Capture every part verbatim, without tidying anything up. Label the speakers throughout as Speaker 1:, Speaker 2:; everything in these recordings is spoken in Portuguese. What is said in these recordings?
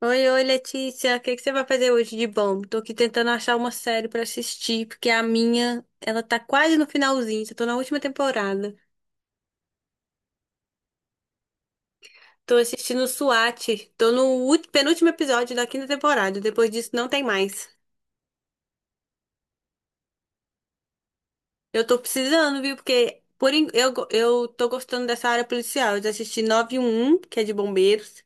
Speaker 1: Oi, oi, Letícia. O que que você vai fazer hoje de bom? Tô aqui tentando achar uma série pra assistir, porque a minha, ela tá quase no finalzinho, já tô na última temporada. Tô assistindo SWAT, tô no ú- penúltimo episódio da quinta temporada, depois disso não tem mais. Eu tô precisando, viu? Porque por, en- eu, go- eu tô gostando dessa área policial. Eu já assisti nove um um, que é de bombeiros.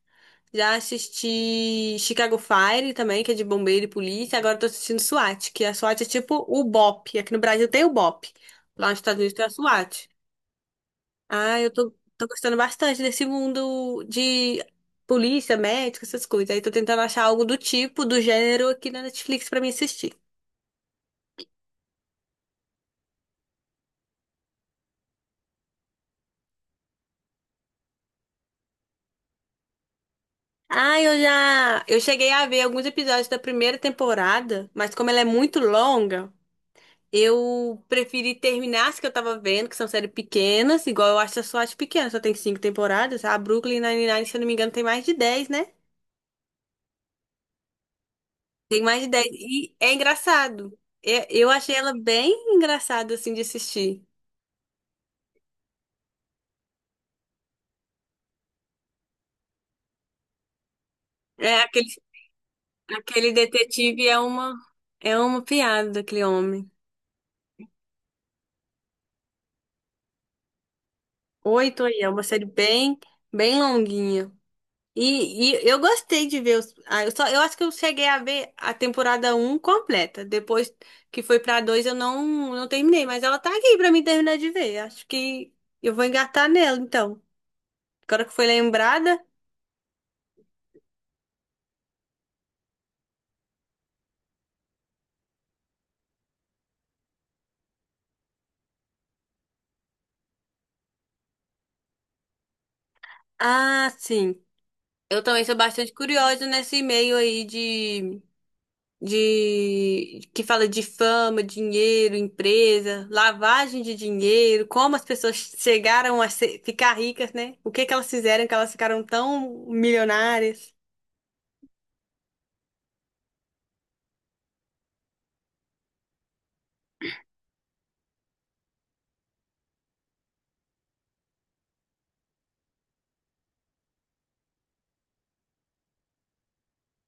Speaker 1: Já assisti Chicago Fire também, que é de bombeiro e polícia. Agora eu tô assistindo SWAT, que a SWAT é tipo o BOP. Aqui no Brasil tem o B O P. Lá nos Estados Unidos tem a SWAT. Ah, eu tô, tô gostando bastante desse mundo de polícia, médico, essas coisas. Aí tô tentando achar algo do tipo, do gênero aqui na Netflix pra mim assistir. Ah, eu já. Eu cheguei a ver alguns episódios da primeira temporada, mas como ela é muito longa. Eu preferi terminar as que eu tava vendo, que são séries pequenas, igual eu acho a eu pequena, só tem cinco temporadas. A Brooklyn Nine-Nine, se eu não me engano, tem mais de dez, né? Tem mais de dez. E é engraçado. É- Eu achei ela bem engraçada, assim, de assistir. É, aquele, aquele detetive é uma, é uma piada, aquele homem. Oito aí, é uma série bem, bem longuinha. E, e eu gostei de ver os. Ah, eu só, eu acho que eu cheguei a ver a temporada um completa. Depois que foi pra dois eu não, não terminei. Mas ela tá aqui pra mim terminar de ver. Acho que eu vou engatar nela, então. Agora que foi lembrada. Ah, sim. Eu também sou bastante curiosa nesse meio aí de de que fala de fama, dinheiro, empresa, lavagem de dinheiro, como as pessoas chegaram a ser- ficar ricas, né? O que que elas fizeram que elas ficaram tão milionárias?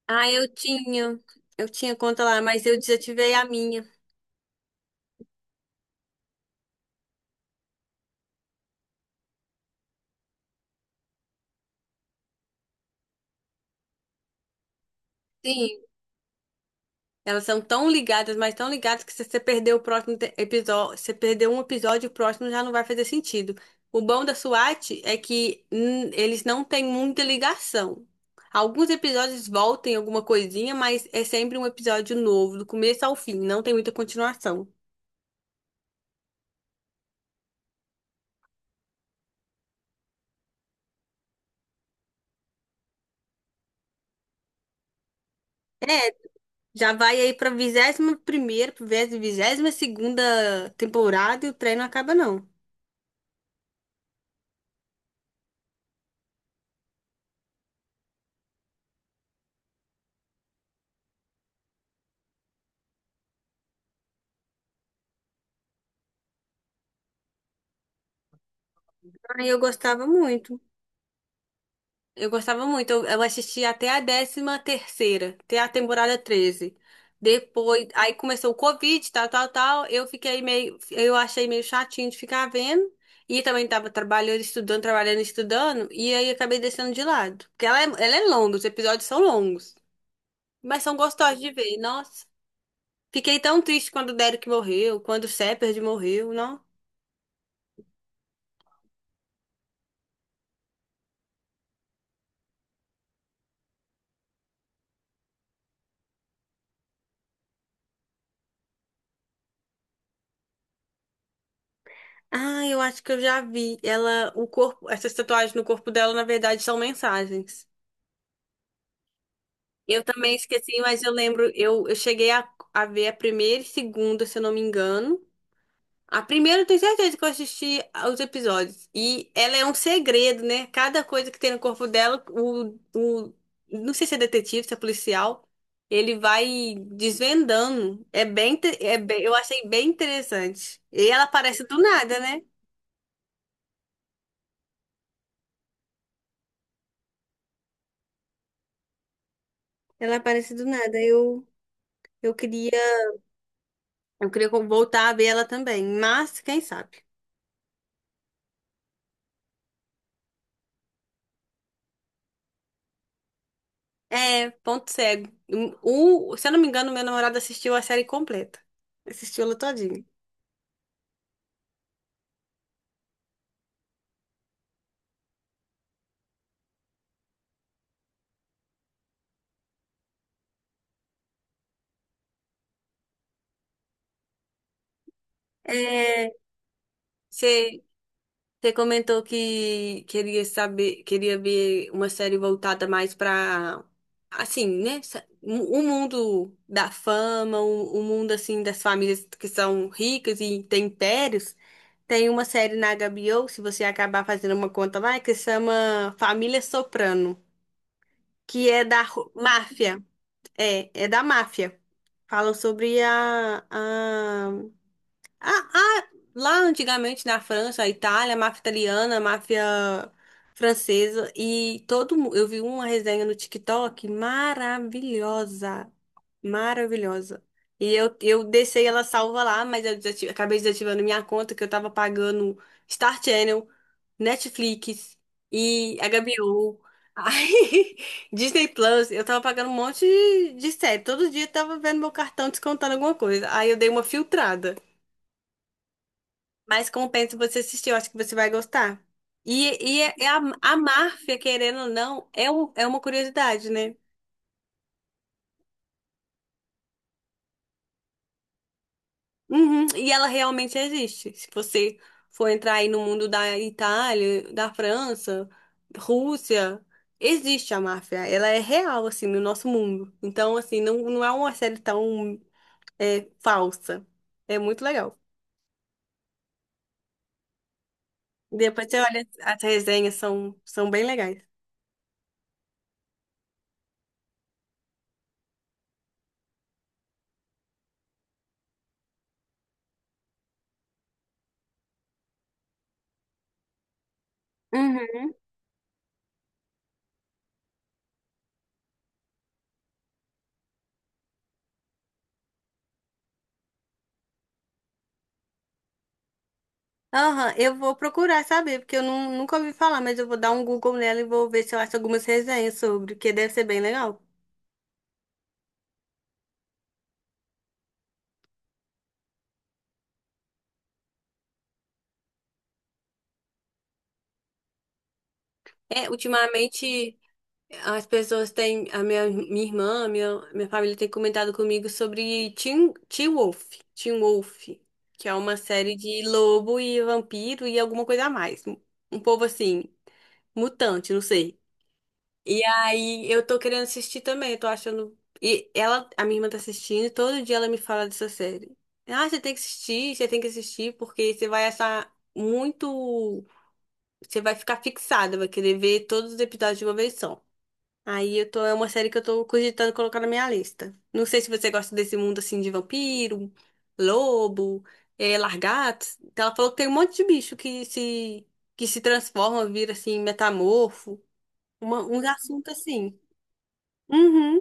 Speaker 1: Ah, eu tinha, eu tinha conta lá, mas eu desativei a minha. Sim, elas são tão ligadas, mas tão ligadas que se você perder o próximo episódio, se você perder um episódio, o próximo já não vai fazer sentido. O bom da SWAT é que hum, eles não têm muita ligação. Alguns episódios voltam em alguma coisinha, mas é sempre um episódio novo, do começo ao fim, não tem muita continuação. É, já vai aí pra vigésima primeira, pra vigésima segunda temporada e o trem não acaba não. Aí eu gostava muito. Eu gostava muito. Eu, eu assisti até a décima terceira, até a temporada treze. Depois, aí começou o Covid, tal, tal, tal. Eu fiquei meio, eu achei meio chatinho de ficar vendo. E também tava trabalhando, estudando, trabalhando, estudando. E aí acabei deixando de lado. Porque ela é, ela é longa, os episódios são longos. Mas são gostosos de ver. Nossa, fiquei tão triste quando o Derek morreu, quando o Shepard morreu, não? Ah, eu acho que eu já vi. Ela, o corpo, essas tatuagens no corpo dela, na verdade, são mensagens. Eu também esqueci, mas eu lembro, eu, eu cheguei a, a ver a primeira e segunda, se eu não me engano. A primeira eu tenho certeza que eu assisti aos episódios. E ela é um segredo, né? Cada coisa que tem no corpo dela, o, o, não sei se é detetive, se é policial, ele vai desvendando. É bem, inte- é bem, eu achei bem interessante. E ela aparece do nada, né? Ela aparece do nada. Eu, eu queria, eu queria voltar a ver ela também, mas quem sabe? É, ponto cego. O, se eu não me engano, meu namorado assistiu a série completa. Assistiu ela todinha. É, você você comentou que queria saber, queria ver uma série voltada mais para, assim, né? sa- O o mundo da fama, o, o mundo, assim, das famílias que são ricas e têm impérios. Tem uma série na H B O, se você acabar fazendo uma conta lá, que se chama Família Soprano, que é da Ru- máfia. É, é da máfia. Falam sobre a, a, ah, ah, lá antigamente na França, Itália, máfia italiana, máfia francesa e todo mundo. Eu vi uma resenha no TikTok maravilhosa, maravilhosa. E eu, eu deixei ela salva lá, mas eu desati- acabei desativando minha conta que eu tava pagando Star Channel, Netflix e H B O, aí, Disney Plus. Eu tava pagando um monte de de série. Todo dia eu tava vendo meu cartão descontando alguma coisa. Aí eu dei uma filtrada. Mas compensa você assistir, eu acho que você vai gostar. E, e, é- é a, a máfia, querendo ou não, é, um- é uma curiosidade, né? Uhum, e ela realmente existe. Se você for entrar aí no mundo da Itália, da França, Rússia, existe a máfia. Ela é real, assim, no nosso mundo. Então, assim, não, não é uma série tão é, falsa. É muito legal. Depois você olha, as resenhas são, são bem legais. Uhum. Aham, eu vou procurar saber, porque eu não, nunca ouvi falar, mas eu vou dar um Google nela e vou ver se eu acho algumas resenhas sobre, que deve ser bem legal. É, ultimamente as pessoas têm, a minha, minha irmã, minha, minha família tem comentado comigo sobre Teen, Teen Wolf, Teen Wolf, que é uma série de lobo e vampiro e alguma coisa a mais. Um um povo assim, mutante, não sei. E aí eu tô querendo assistir também, eu tô achando. E ela, a minha irmã tá assistindo, e todo dia ela me fala dessa série. Ah, você tem que assistir, você tem que assistir, porque você vai achar muito. Você vai ficar fixada, vai querer ver todos os episódios de uma vez só. Aí eu tô, é uma série que eu tô cogitando colocar na minha lista. Não sei se você gosta desse mundo assim de vampiro, lobo, eh, largatos. Então, ela falou que tem um monte de bicho que se, que se transforma, vira assim, metamorfo. Uma, um assunto assim. Uhum.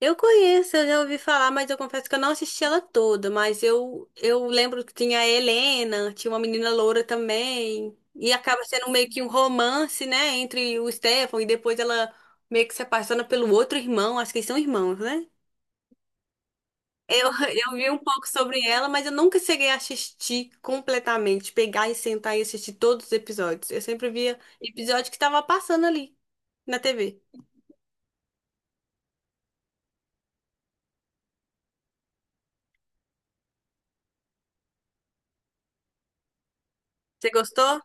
Speaker 1: Eu conheço, eu já ouvi falar, mas eu confesso que eu não assisti ela toda, mas eu, eu lembro que tinha a Helena, tinha uma menina loura também, e acaba sendo meio que um romance, né, entre o Stefan e depois ela meio que se apaixona pelo outro irmão, acho que eles são irmãos, né? Eu, eu vi um pouco sobre ela, mas eu nunca cheguei a assistir completamente, pegar e sentar e assistir todos os episódios. Eu sempre via episódio que tava passando ali na T V. Você gostou?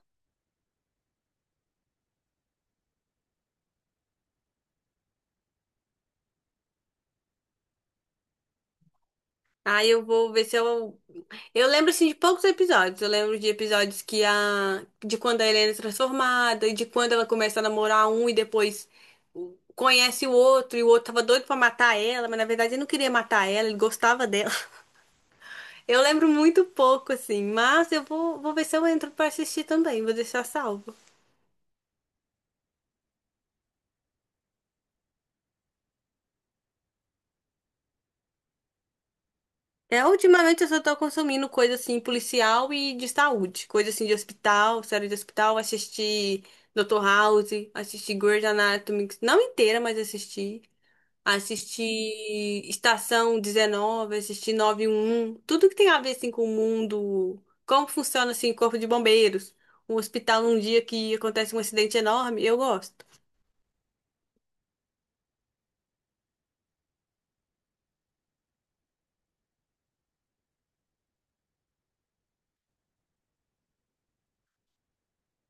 Speaker 1: Aí eu vou ver se eu eu lembro, assim, de poucos episódios. Eu lembro de episódios que a... De quando a Helena é transformada, e de quando ela começa a namorar um e depois conhece o outro, e o outro tava doido pra matar ela, mas na verdade ele não queria matar ela, ele gostava dela. Eu lembro muito pouco, assim, mas eu vou, vou ver se eu entro pra assistir também, vou deixar salvo. É, ultimamente eu só tô consumindo coisa, assim, policial e de saúde. Coisa, assim, de hospital, série de hospital, assisti... doutor House, assisti Grey's Anatomy, não inteira, mas assisti. Assistir Estação dezenove, assisti Um, um, tudo que tem a ver assim com o mundo, como funciona assim o corpo de bombeiros, um hospital num dia que acontece um acidente enorme, eu gosto.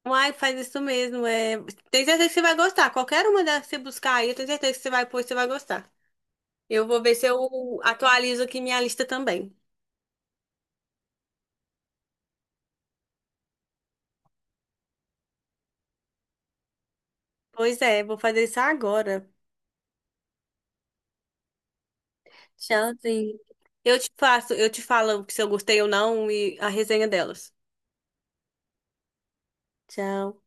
Speaker 1: Uai, faz isso mesmo, é, tem certeza que você vai gostar. Qualquer uma delas que você buscar aí, eu tenho certeza que você vai pôr, você vai gostar. Eu vou ver se eu atualizo aqui minha lista também. Pois é, vou fazer isso agora. Tchauzinho. Eu te faço, eu te falo se eu gostei ou não e a resenha delas. Tchau.